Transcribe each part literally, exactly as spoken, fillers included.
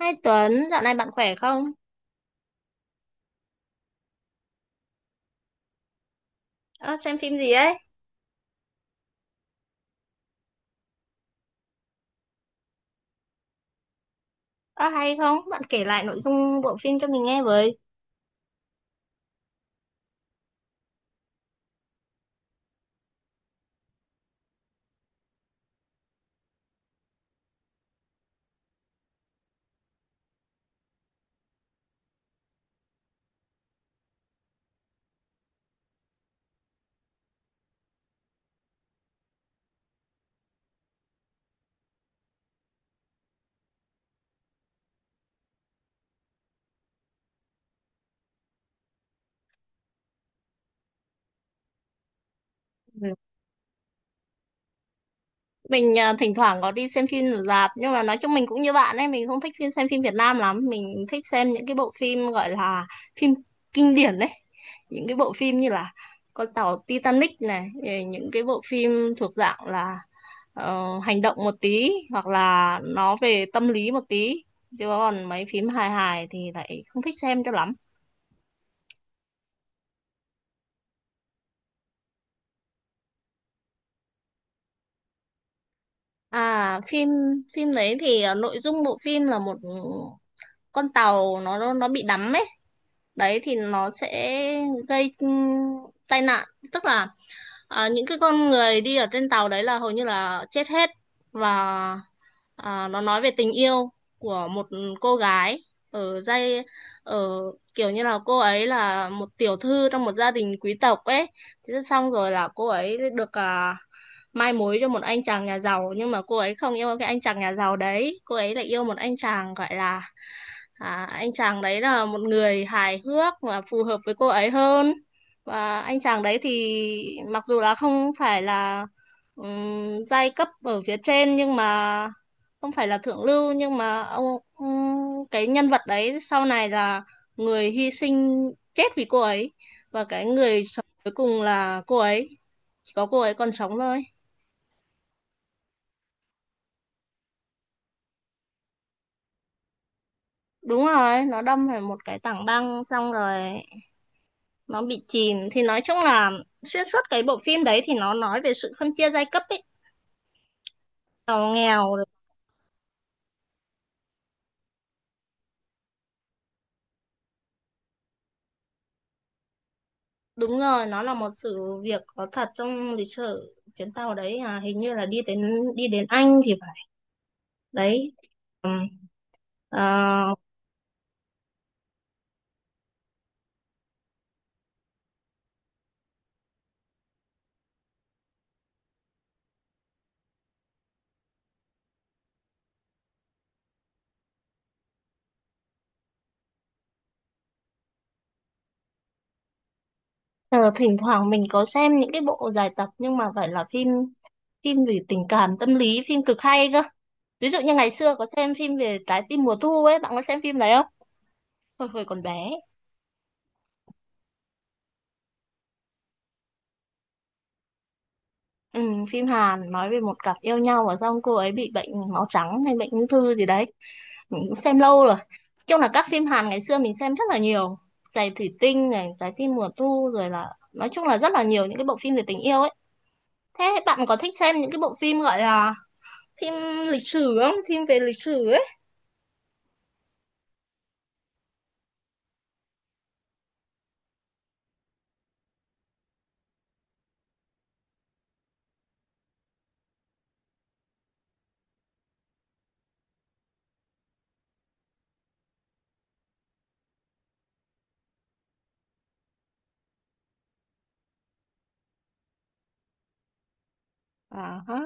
Hai Tuấn, dạo này bạn khỏe không? Ơ, xem phim gì ấy? Ờ hay không? Bạn kể lại nội dung bộ phim cho mình nghe với. Ừ. Mình à, thỉnh thoảng có đi xem phim ở rạp, nhưng mà nói chung mình cũng như bạn ấy, mình không thích phim xem phim Việt Nam lắm, mình thích xem những cái bộ phim gọi là phim kinh điển đấy. Những cái bộ phim như là con tàu Titanic này, rồi những cái bộ phim thuộc dạng là ờ, hành động một tí hoặc là nó về tâm lý một tí. Chứ còn mấy phim hài hài thì lại không thích xem cho lắm. À, phim phim đấy thì ờ, nội dung bộ phim là một con tàu nó nó nó bị đắm ấy. Đấy thì nó sẽ gây ừm, tai nạn, tức là à, những cái con người đi ở trên tàu đấy là hầu như là chết hết, và À, nó nói về tình yêu của một cô gái ở dây ở kiểu như là cô ấy là một tiểu thư trong một gia đình quý tộc ấy. Thế xong rồi là cô ấy được à, mai mối cho một anh chàng nhà giàu, nhưng mà cô ấy không yêu cái anh chàng nhà giàu đấy, cô ấy lại yêu một anh chàng gọi là à, anh chàng đấy là một người hài hước và phù hợp với cô ấy hơn. Và anh chàng đấy thì mặc dù là không phải là um, giai cấp ở phía trên, nhưng mà không phải là thượng lưu, nhưng mà ông ông- cái nhân vật đấy sau này là người hy sinh chết vì cô ấy, và cái người sống cuối cùng là cô ấy, chỉ có cô ấy còn sống thôi. Đúng rồi, nó đâm phải một cái tảng băng, xong rồi nó bị chìm, thì nói chung là xuyên suốt cái bộ phim đấy thì nó nói về sự phân chia giai cấp ấy, giàu nghèo rồi. Đúng rồi, nó là một sự việc có thật trong lịch sử, chuyến tàu đấy à, hình như là đi đến đi đến Anh thì phải, đấy. Ừm. Ờ, Ờ, Thỉnh thoảng mình có xem những cái bộ dài tập, nhưng mà phải là phim phim về tình cảm tâm lý, phim cực hay cơ. Ví dụ như ngày xưa có xem phim về trái tim mùa thu ấy, bạn có xem phim đấy không, hồi hồi còn bé? Ừ, phim Hàn nói về một cặp yêu nhau và xong cô ấy bị bệnh máu trắng hay bệnh ung thư gì đấy, mình cũng xem lâu rồi. Nói chung là các phim Hàn ngày xưa mình xem rất là nhiều, giày thủy tinh này, trái tim mùa thu, rồi là nói chung là rất là nhiều những cái bộ phim về tình yêu ấy. Thế bạn có thích xem những cái bộ phim gọi là phim lịch sử không, phim về lịch sử ấy? À, hả?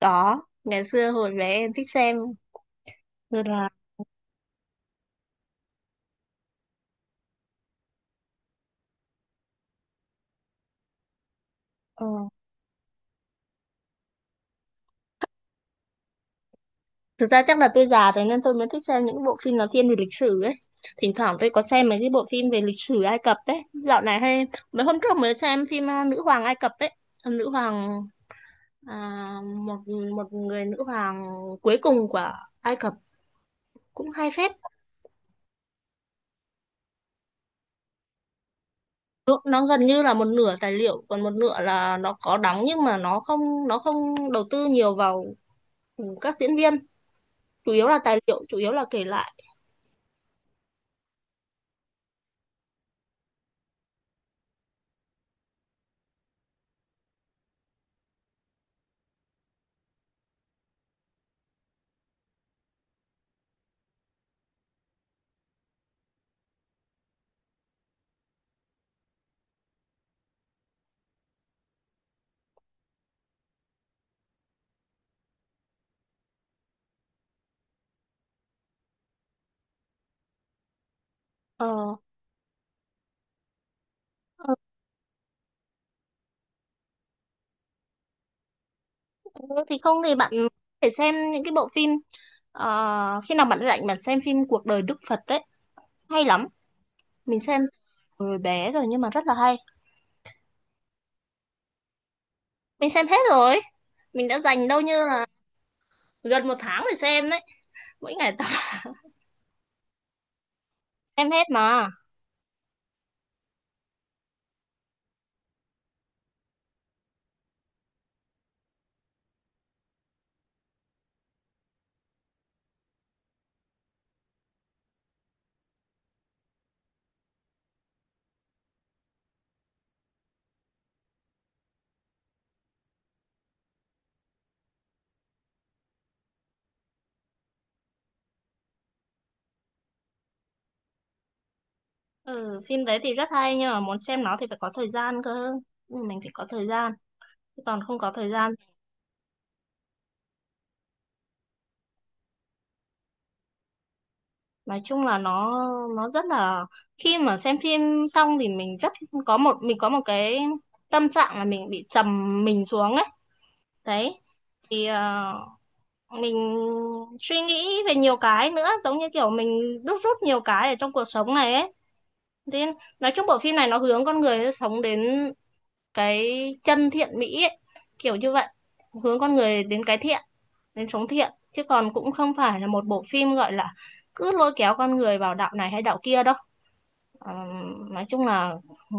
Có, ngày xưa hồi bé em thích xem rồi là ờ, thực ra chắc là tôi già rồi nên tôi mới thích xem những bộ phim nó thiên về lịch sử ấy. Thỉnh thoảng tôi có xem mấy cái bộ phim về lịch sử Ai Cập ấy. Dạo này hay, mấy hôm trước mới xem phim ờ, Nữ hoàng Ai Cập ấy. Ờ, Nữ hoàng à, một một người nữ hoàng cuối cùng của Ai Cập, cũng hay phết. Nó nó gần như là một nửa tài liệu, còn một nửa là nó có đóng, nhưng mà nó không nó không đầu tư nhiều vào các diễn viên, chủ yếu là tài liệu, chủ yếu là kể lại. ờ, ờ, thì không thì bạn có thể xem những cái bộ phim ờ, khi nào bạn rảnh bạn xem phim cuộc đời Đức Phật đấy, hay lắm. Mình xem từ hồi bé rồi nhưng mà rất là hay. Mình xem hết rồi, mình đã dành đâu như là gần một tháng để xem đấy, mỗi ngày tập xem hết mà. Ừ, phim đấy thì rất hay nhưng mà muốn xem nó thì phải có thời gian cơ. Ừ, mình phải có thời gian, chứ còn không có thời gian. Nói chung là nó nó rất là, khi mà xem phim xong thì mình rất có một mình có một cái tâm trạng là mình bị trầm mình xuống ấy, đấy. Thì ờ, mình suy nghĩ về nhiều cái nữa, giống như kiểu mình đúc rút nhiều cái ở trong cuộc sống này ấy, nên nói chung bộ phim này nó hướng con người sống đến cái chân thiện mỹ ấy, kiểu như vậy, hướng con người đến cái thiện, đến sống thiện, chứ còn cũng không phải là một bộ phim gọi là cứ lôi kéo con người vào đạo này hay đạo kia đâu. Ờ, nói chung là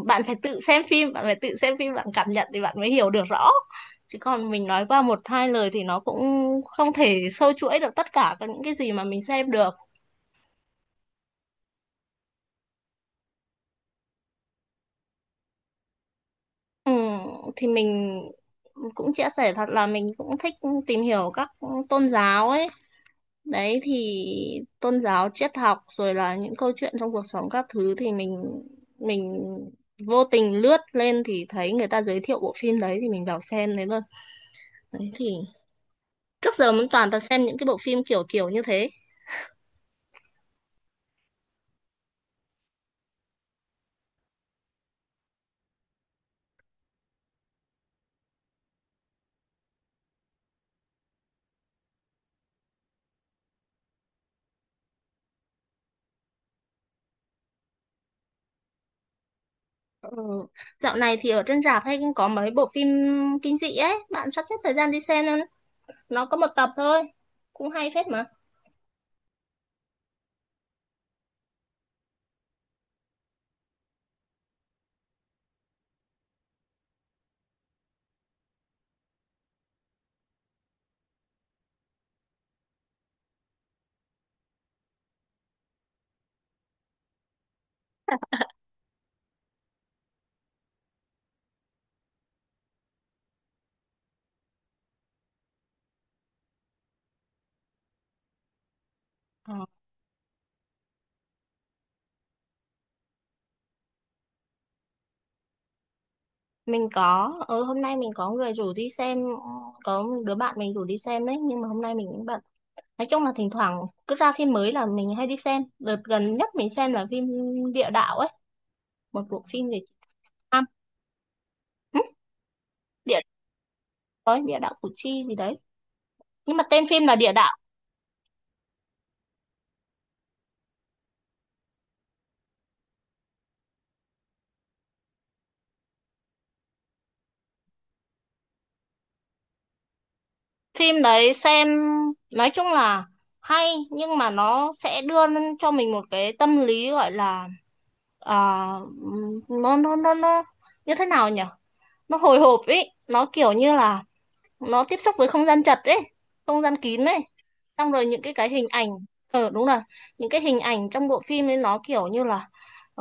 bạn phải tự xem phim bạn phải tự xem phim bạn cảm nhận thì bạn mới hiểu được rõ, chứ còn mình nói qua một hai lời thì nó cũng không thể sâu chuỗi được tất cả các những cái gì mà mình xem được. Ừ, thì mình cũng chia sẻ thật là mình cũng thích tìm hiểu các tôn giáo ấy, đấy thì tôn giáo, triết học, rồi là những câu chuyện trong cuộc sống các thứ, thì mình mình vô tình lướt lên thì thấy người ta giới thiệu bộ phim đấy, thì mình vào xem đấy luôn. Đấy thì trước giờ mình toàn toàn xem những cái bộ phim kiểu kiểu như thế. Ừ. Dạo này thì ở trên rạp hay cũng có mấy bộ phim kinh dị ấy, bạn sắp xếp thời gian đi xem, nên nó có một tập thôi, cũng hay phết mà. Ờ. Mình có, ừ, hôm nay mình có người rủ đi xem, có một đứa bạn mình rủ đi xem đấy nhưng mà hôm nay mình cũng bận. Nói chung là thỉnh thoảng cứ ra phim mới là mình hay đi xem. Đợt gần nhất mình xem là phim Địa Đạo ấy, một bộ phim về Việt Nam. Ừ, địa, có địa đạo Củ Chi gì đấy, nhưng mà tên phim là Địa Đạo. Phim đấy xem nói chung là hay, nhưng mà nó sẽ đưa cho mình một cái tâm lý gọi là à, nó nó nó nó như thế nào nhỉ, nó hồi hộp ấy, nó kiểu như là nó tiếp xúc với không gian chật ấy, không gian kín ấy. Xong rồi những cái cái hình ảnh, ờ đúng rồi, những cái hình ảnh trong bộ phim ấy nó kiểu như là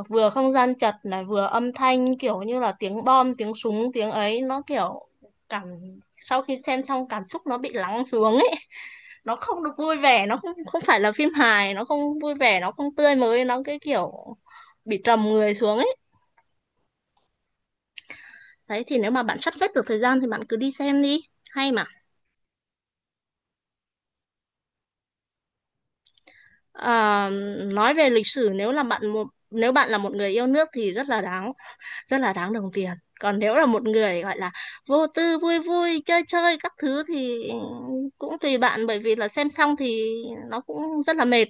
vừa không gian chật này, vừa âm thanh kiểu như là tiếng bom, tiếng súng, tiếng ấy, nó kiểu cảm sau khi xem xong cảm xúc nó bị lắng xuống ấy. Nó không được vui vẻ, nó không không phải là phim hài, nó không vui vẻ, nó không tươi mới, nó cái kiểu bị trầm người xuống ấy. Đấy thì nếu mà bạn sắp xếp được thời gian thì bạn cứ đi xem đi, hay mà. Ờ, nói về lịch sử, nếu là bạn một nếu bạn là một người yêu nước thì rất là đáng, rất là đáng đồng tiền. Còn nếu là một người gọi là vô tư vui vui chơi chơi các thứ thì cũng tùy bạn, bởi vì là xem xong thì nó cũng rất là mệt,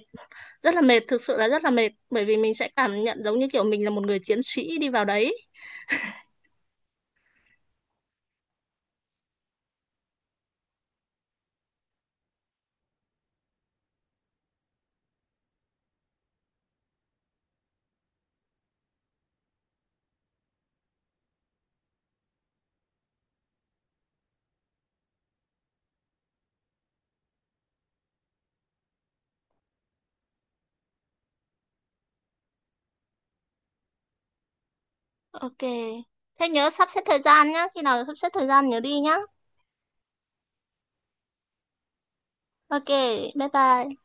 rất là mệt, thực sự là rất là mệt, bởi vì mình sẽ cảm nhận giống như kiểu mình là một người chiến sĩ đi vào đấy. Ok, thế nhớ sắp xếp thời gian nhá, khi nào sắp xếp thời gian nhớ đi nhá. Ok, bye bye.